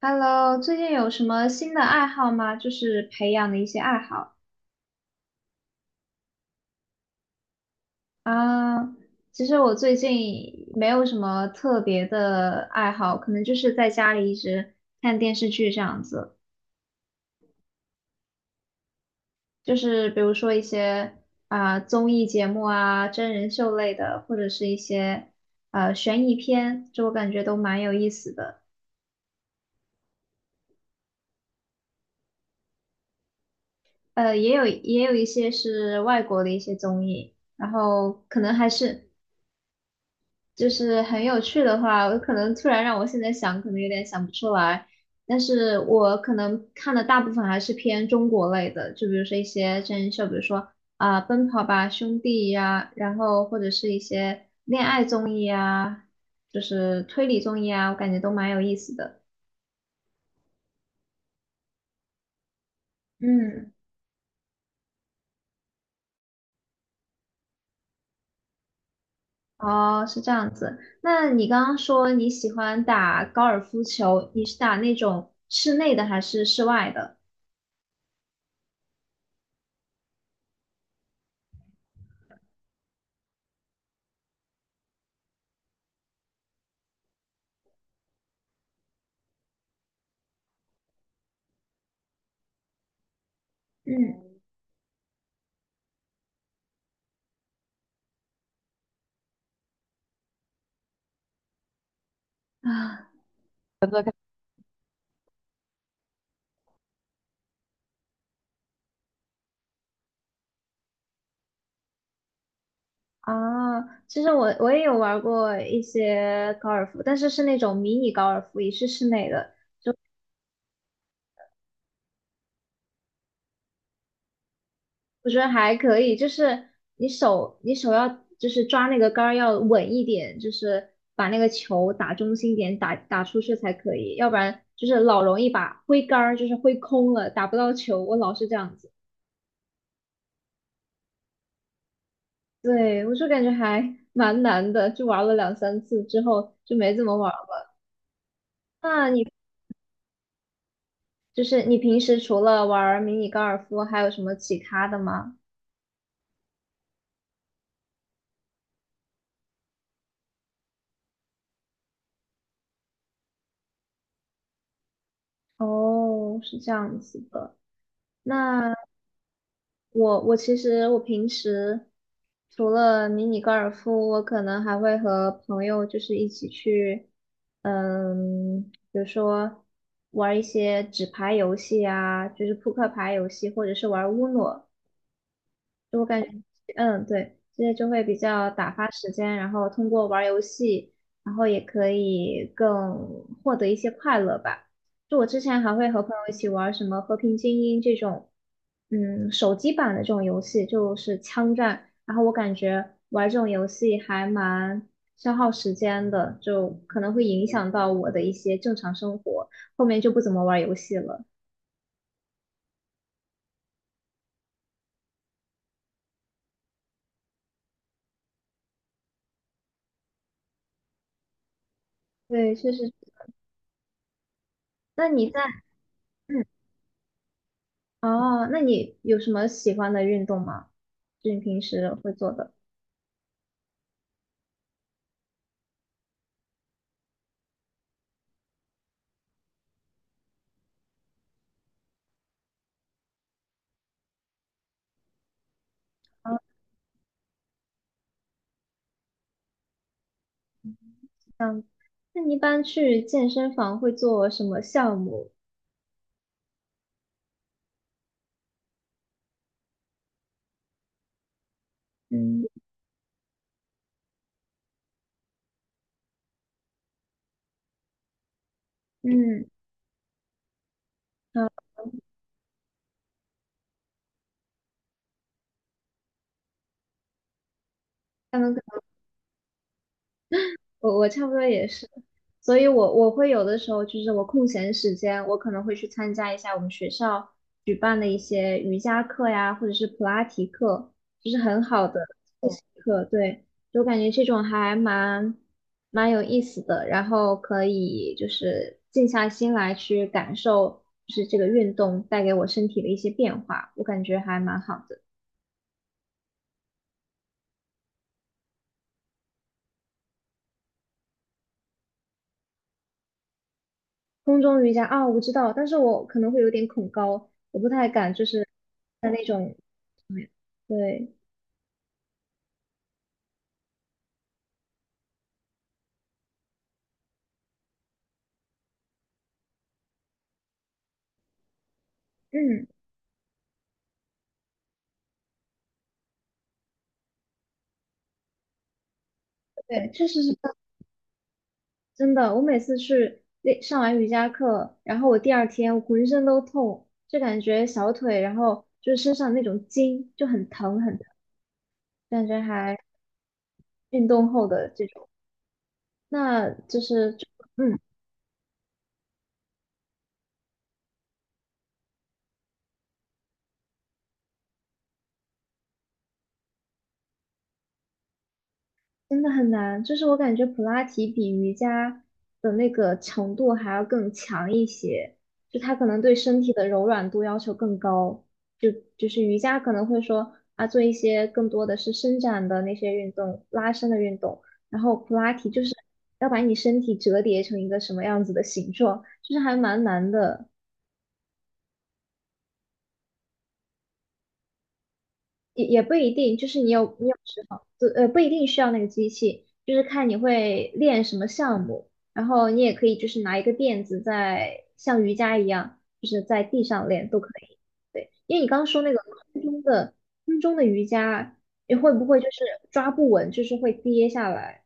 Hello，最近有什么新的爱好吗？就是培养的一些爱好啊。其实我最近没有什么特别的爱好，可能就是在家里一直看电视剧这样子。就是比如说一些啊、综艺节目啊、真人秀类的，或者是一些悬疑片，就我感觉都蛮有意思的。也有一些是外国的一些综艺。然后可能还是就是很有趣的话，我可能突然让我现在想，可能有点想不出来。但是我可能看的大部分还是偏中国类的，就比如说一些真人秀，比如说啊、奔跑吧兄弟》呀，然后或者是一些恋爱综艺啊，就是推理综艺啊，我感觉都蛮有意思的。嗯，哦，是这样子。那你刚刚说你喜欢打高尔夫球，你是打那种室内的还是室外的？嗯。啊。啊，其实我也有玩过一些高尔夫，但是是那种迷你高尔夫，也是室内的，我觉得还可以。就是你手要就是抓那个杆儿要稳一点，就是把那个球打中心点，打出去才可以，要不然就是老容易把挥杆儿就是挥空了，打不到球。我老是这样子，对，我就感觉还 蛮难的，就玩了两三次之后就没怎么玩了。那你？就是你平时除了玩儿迷你高尔夫，还有什么其他的吗？哦，是这样子的。那我其实我平时除了迷你高尔夫，我可能还会和朋友就是一起去，嗯，比如说玩一些纸牌游戏啊，就是扑克牌游戏，或者是玩乌诺。我感觉，嗯，对，这些就会比较打发时间，然后通过玩儿游戏，然后也可以更获得一些快乐吧。就我之前还会和朋友一起玩儿什么《和平精英》这种，嗯，手机版的这种游戏，就是枪战。然后我感觉玩这种游戏还蛮消耗时间的，就可能会影响到我的一些正常生活，后面就不怎么玩儿游戏了。对，确实。那你在，嗯。哦，那你有什么喜欢的运动吗？就你平时会做的？啊，这样。那你一般去健身房会做什么项目？嗯嗯，好下面我差不多也是，所以我会有的时候就是我空闲时间，我可能会去参加一下我们学校举办的一些瑜伽课呀，或者是普拉提课，就是很好的复习课。对，就感觉这种还蛮有意思的，然后可以就是静下心来去感受，就是这个运动带给我身体的一些变化，我感觉还蛮好的。空中瑜伽啊，我知道，但是我可能会有点恐高，我不太敢就是在那种对，嗯，对，确实是这样真的。我每次去练上完瑜伽课，然后我第二天我浑身都痛，就感觉小腿，然后就是身上那种筋就很疼很疼，感觉还运动后的这种，那就是就嗯。真的很难，就是我感觉普拉提比瑜伽的那个强度还要更强一些，就它可能对身体的柔软度要求更高。就是瑜伽可能会说啊，做一些更多的是伸展的那些运动、拉伸的运动，然后普拉提就是要把你身体折叠成一个什么样子的形状，就是还蛮难的。也不一定，就是你有时候，就不一定需要那个机器，就是看你会练什么项目，然后你也可以就是拿一个垫子在像瑜伽一样，就是在地上练都可以。对，因为你刚刚说那个空中的瑜伽，你会不会就是抓不稳，就是会跌下来？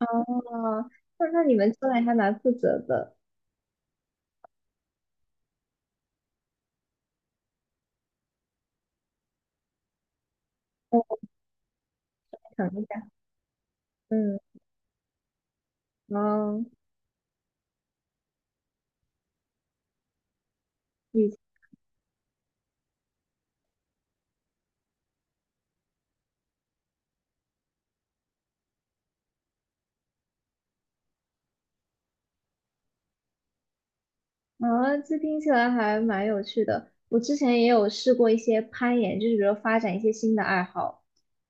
哦，那你们教练还蛮负责的，我想一下，嗯，哦。啊，这听起来还蛮有趣的。我之前也有试过一些攀岩，就是比如发展一些新的爱好，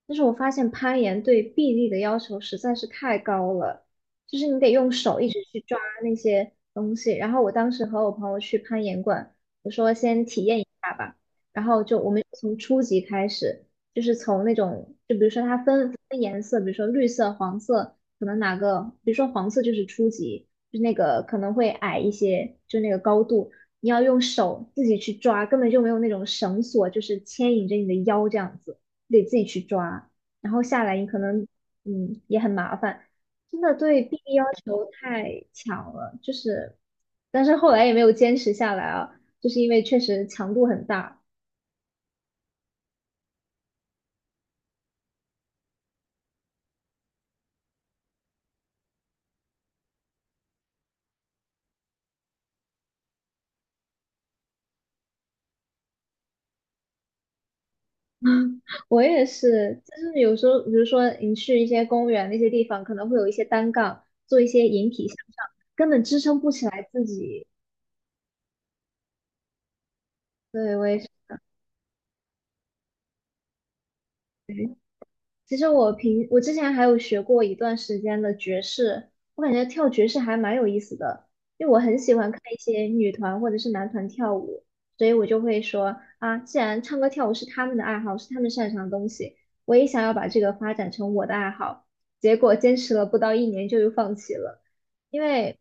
但是我发现攀岩对臂力的要求实在是太高了，就是你得用手一直去抓那些东西。然后我当时和我朋友去攀岩馆，我说先体验一下吧，然后就我们从初级开始，就是从那种，就比如说它分颜色，比如说绿色、黄色。可能哪个，比如说黄色就是初级，就是那个可能会矮一些，就那个高度，你要用手自己去抓，根本就没有那种绳索，就是牵引着你的腰这样子，你得自己去抓，然后下来你可能也很麻烦，真的对臂力要求太强了，就是，但是后来也没有坚持下来啊，就是因为确实强度很大。我也是，就是有时候，比如说你去一些公园那些地方，可能会有一些单杠，做一些引体向上，根本支撑不起来自己。对，我也是。其实我之前还有学过一段时间的爵士，我感觉跳爵士还蛮有意思的，因为我很喜欢看一些女团或者是男团跳舞，所以我就会说啊，既然唱歌跳舞是他们的爱好，是他们擅长的东西，我也想要把这个发展成我的爱好。结果坚持了不到一年就又放弃了，因为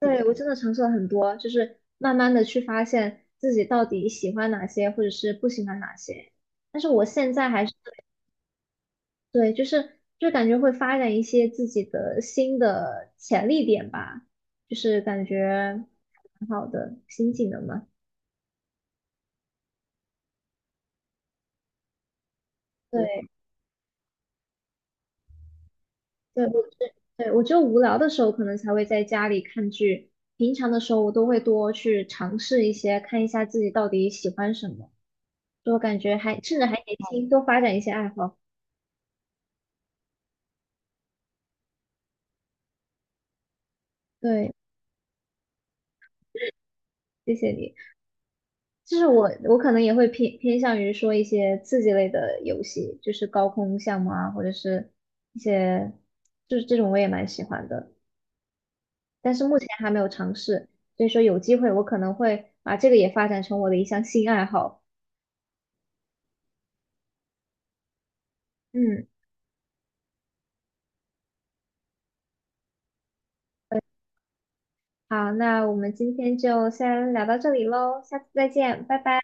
对我真的尝试了很多，就是慢慢的去发现自己到底喜欢哪些，或者是不喜欢哪些。但是我现在还是对，就是就感觉会发展一些自己的新的潜力点吧，就是感觉挺好的新技能嘛。对嗯对，对我只有无聊的时候可能才会在家里看剧，平常的时候我都会多去尝试一些，看一下自己到底喜欢什么，就感觉还甚至还年轻，多发展一些爱好。对，谢谢你。就是我可能也会偏向于说一些刺激类的游戏，就是高空项目啊，或者是一些就是这种我也蛮喜欢的，但是目前还没有尝试，所以说有机会我可能会把这个也发展成我的一项新爱好。嗯，好，那我们今天就先聊到这里喽，下次再见，拜拜。